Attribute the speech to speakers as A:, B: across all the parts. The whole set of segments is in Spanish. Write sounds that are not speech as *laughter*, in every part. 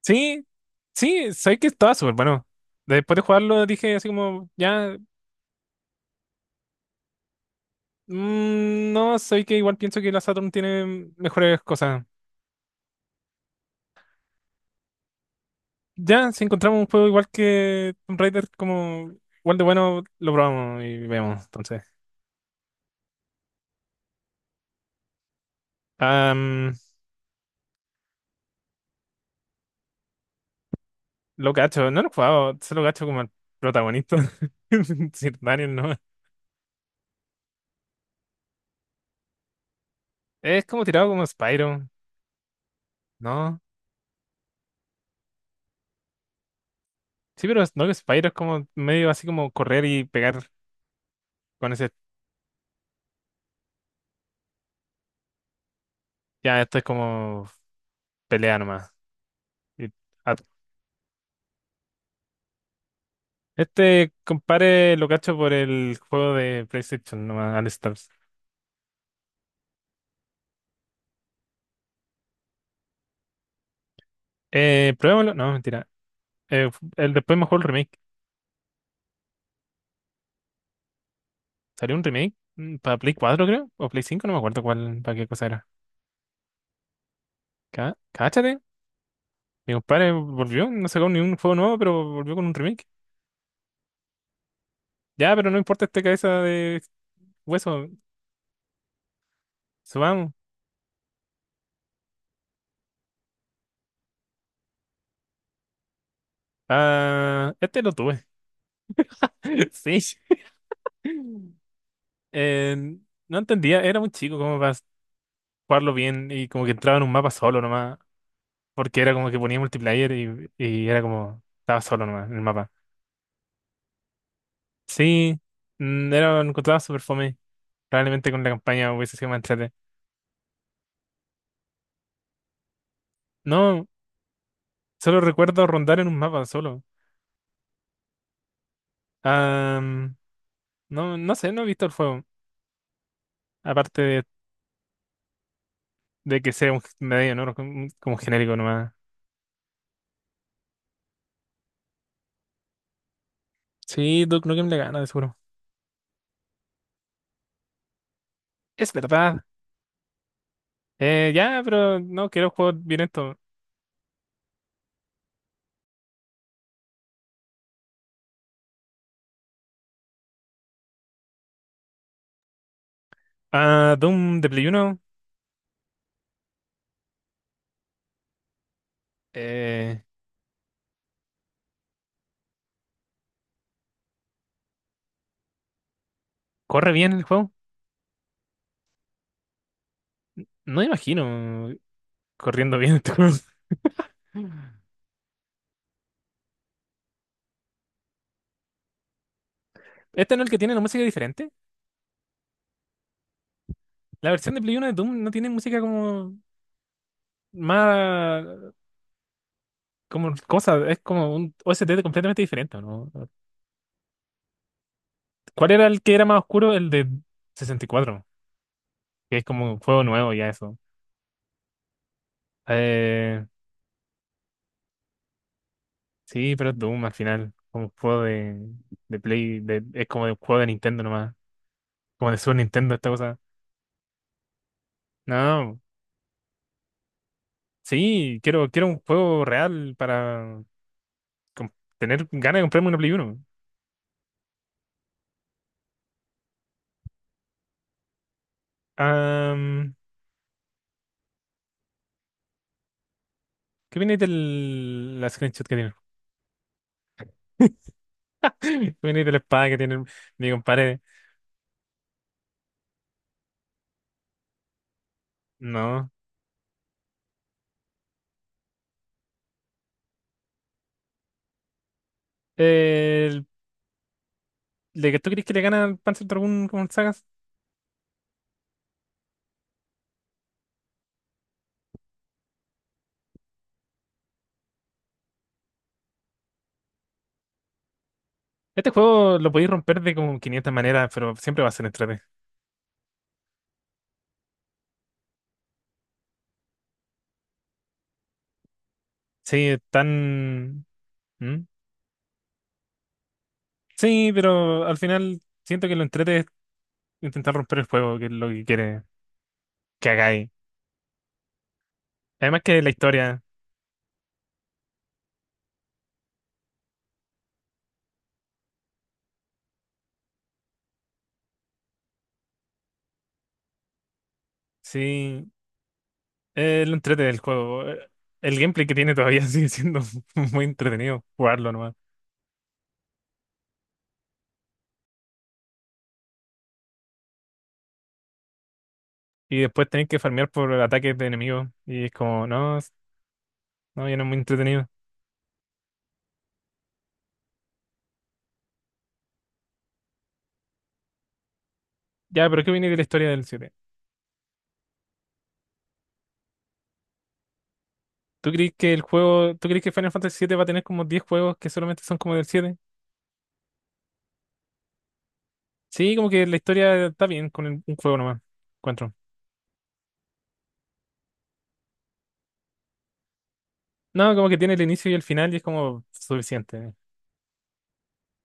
A: Sí, sí, sabes que estaba súper bueno. Después de jugarlo dije así como, ya, no, sé que igual pienso que la Saturn tiene mejores cosas. Ya, si encontramos un juego igual que Tomb Raider, como igual de bueno, lo probamos y vemos, entonces. Am, lo cacho, no lo he jugado, solo cacho como el protagonista. *laughs* Sir Daniel, ¿no? Es como tirado como Spyro, ¿no? Sí, pero no que Spyro es como medio así como correr y pegar con ese. Ya, esto es como pelea nomás. Y- ah, Este compare lo cacho por el juego de PlayStation, nomás, All Stars. Pruébalo, no, mentira. El, después me jugó el remake. Salió un remake para Play 4 creo, o Play 5 no me acuerdo cuál, para qué cosa era. Cá Cáchate, mi compadre volvió, no sacó ni un juego nuevo, pero volvió con un remake. Ya, pero no importa este cabeza de hueso, subamos. Ah, este lo tuve, *laughs* sí. Eh, no entendía, era muy chico como para jugarlo bien y como que entraba en un mapa solo nomás. Porque era como que ponía multiplayer y era como, estaba solo nomás en el mapa. Sí, era, lo encontraba súper fome. Probablemente con la campaña hubiese sido más entrete. No, solo recuerdo rondar en un mapa solo. Ah, no, no sé, no he visto el juego. Aparte de que sea un medio, ¿no? Como, como genérico nomás. Sí, Duke Nukem le gana, de seguro. Es verdad. Ya, pero no quiero juegos violentos. Ah, Doom de Play Uno. eh, ¿Corre bien el juego? No imagino corriendo bien este juego. Este no es el que tiene la música diferente. La versión de Play Uno de Doom no tiene música como más como cosa, es como un OST completamente diferente, ¿no? ¿Cuál era el que era más oscuro? El de sesenta y cuatro, que es como un juego nuevo ya eso. Eh, sí, pero es Doom al final, como un juego de Play, de, es como de un juego de Nintendo nomás, como de Super Nintendo esta cosa. No, sí, quiero, quiero un juego real para com- tener ganas de comprarme una Play Uno. ¿Qué viene del la screenshot que tienen? *laughs* ¿Qué viene de la espada que tienen mi compadre? No. El, ¿de que tú crees que le gana al Panzer Dragoon con sagas? Este juego lo podéis romper de como 500 maneras, pero siempre va a ser entrete. Sí, es tan... ¿Mm? Sí, pero al final siento que lo entrete es intentar romper el juego, que es lo que quiere que hagáis. Además que la historia, sí, es lo entrete del juego. El gameplay que tiene todavía sigue siendo *laughs* muy entretenido jugarlo nomás. Y después tenés que farmear por ataques de enemigos. Y es como, no, no, ya no es muy entretenido. Ya, pero ¿qué viene de la historia del siete? ¿Tú crees que el juego, tú crees que Final Fantasy 7 va a tener como 10 juegos que solamente son como del siete? Sí, como que la historia está bien con un juego nomás, encuentro. No, como que tiene el inicio y el final y es como suficiente.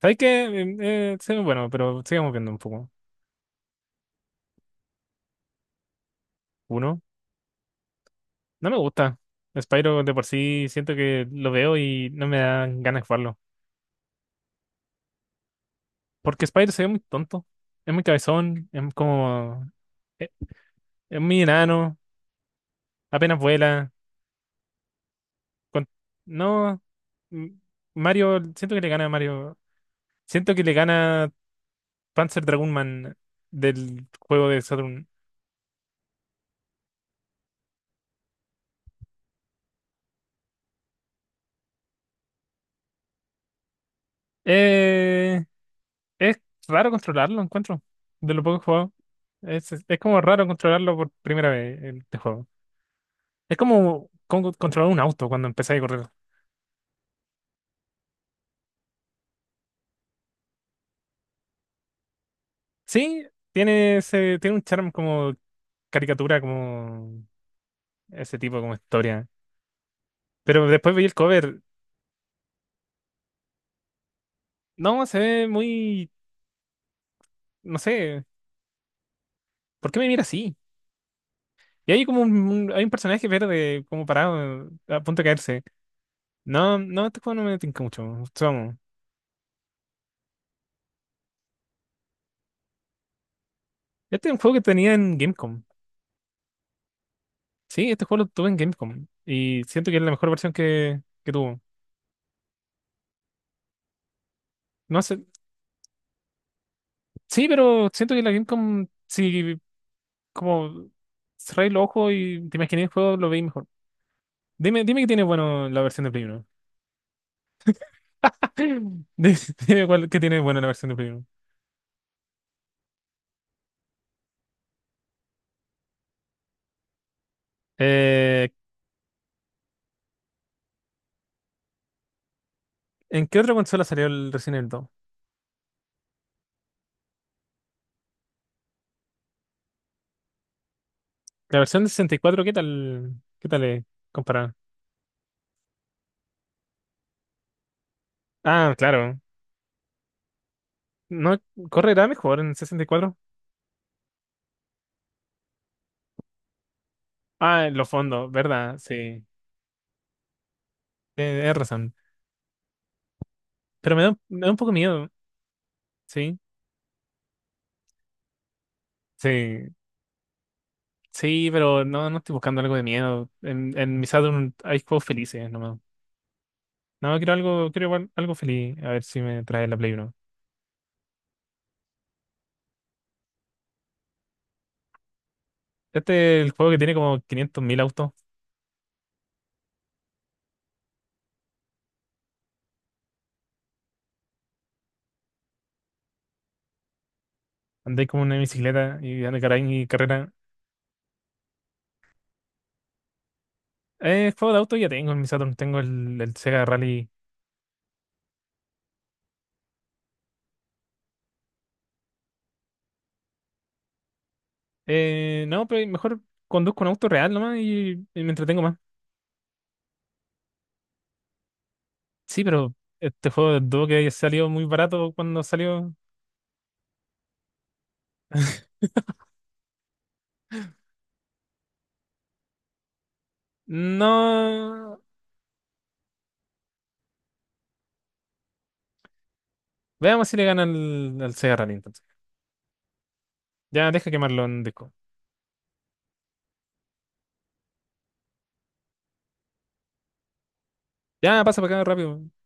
A: ¿Sabes qué? Sí, bueno, pero sigamos viendo un poco. Uno, no me gusta. Spyro de por sí siento que lo veo y no me dan ganas de jugarlo. Porque Spyro se ve muy tonto. Es muy cabezón, es como. Es, es muy enano, apenas vuela. con- No, m- Mario, siento que le gana a Mario. Siento que le gana Panzer Dragoon Man del juego de Saturn. Eh, es raro controlarlo, encuentro. De lo poco que he jugado. Es como raro controlarlo por primera vez en este juego. Es como, como controlar un auto cuando empezáis a correr. Sí, tiene ese, tiene un charm como caricatura, como ese tipo, como historia. Pero después veí el cover. No, se ve muy, no sé, ¿por qué me mira así? Y hay como un, hay un personaje verde como parado, a punto de caerse. No, no, este juego no me tinca mucho. Somos. Este es un juego que tenía en Gamecom. Sí, este juego lo tuve en Gamecom. Y siento que es la mejor versión que tuvo. No sé, sí, pero siento que la Gamecom, sí, como cerráis los ojos y te imaginé el juego, lo veis mejor. Dime, dime qué tiene bueno la versión de Play 1. *laughs* Dime, dime cuál, qué tiene bueno la versión de Play 1. ¿En qué otra consola salió el Resident Evil 2? ¿La versión de 64? ¿Qué tal? ¿Qué tal es comparada? Ah, claro. ¿No correrá mejor en sesenta y cuatro? Ah, en los fondos, ¿verdad? Sí. Tienes razón. Pero me da, me da un poco miedo, ¿sí? Sí. Sí, pero no, no estoy buscando algo de miedo. En mi Saturn hay juegos felices, nomás. No, quiero algo, quiero igual algo feliz. A ver si me trae la Play Uno. Este es el juego que tiene como 500.000 autos. Andé como una bicicleta y anda caray y carrera. Juego de auto ya tengo en mi Saturn, tengo el Sega Rally. No, pero mejor conduzco un auto real nomás y me entretengo más. Sí, pero este juego de Duo que salió muy barato cuando salió. No. Veamos si le gana al, al Sega Rally entonces. Ya, deja quemarlo en disco. Ya, pasa para acá rápido.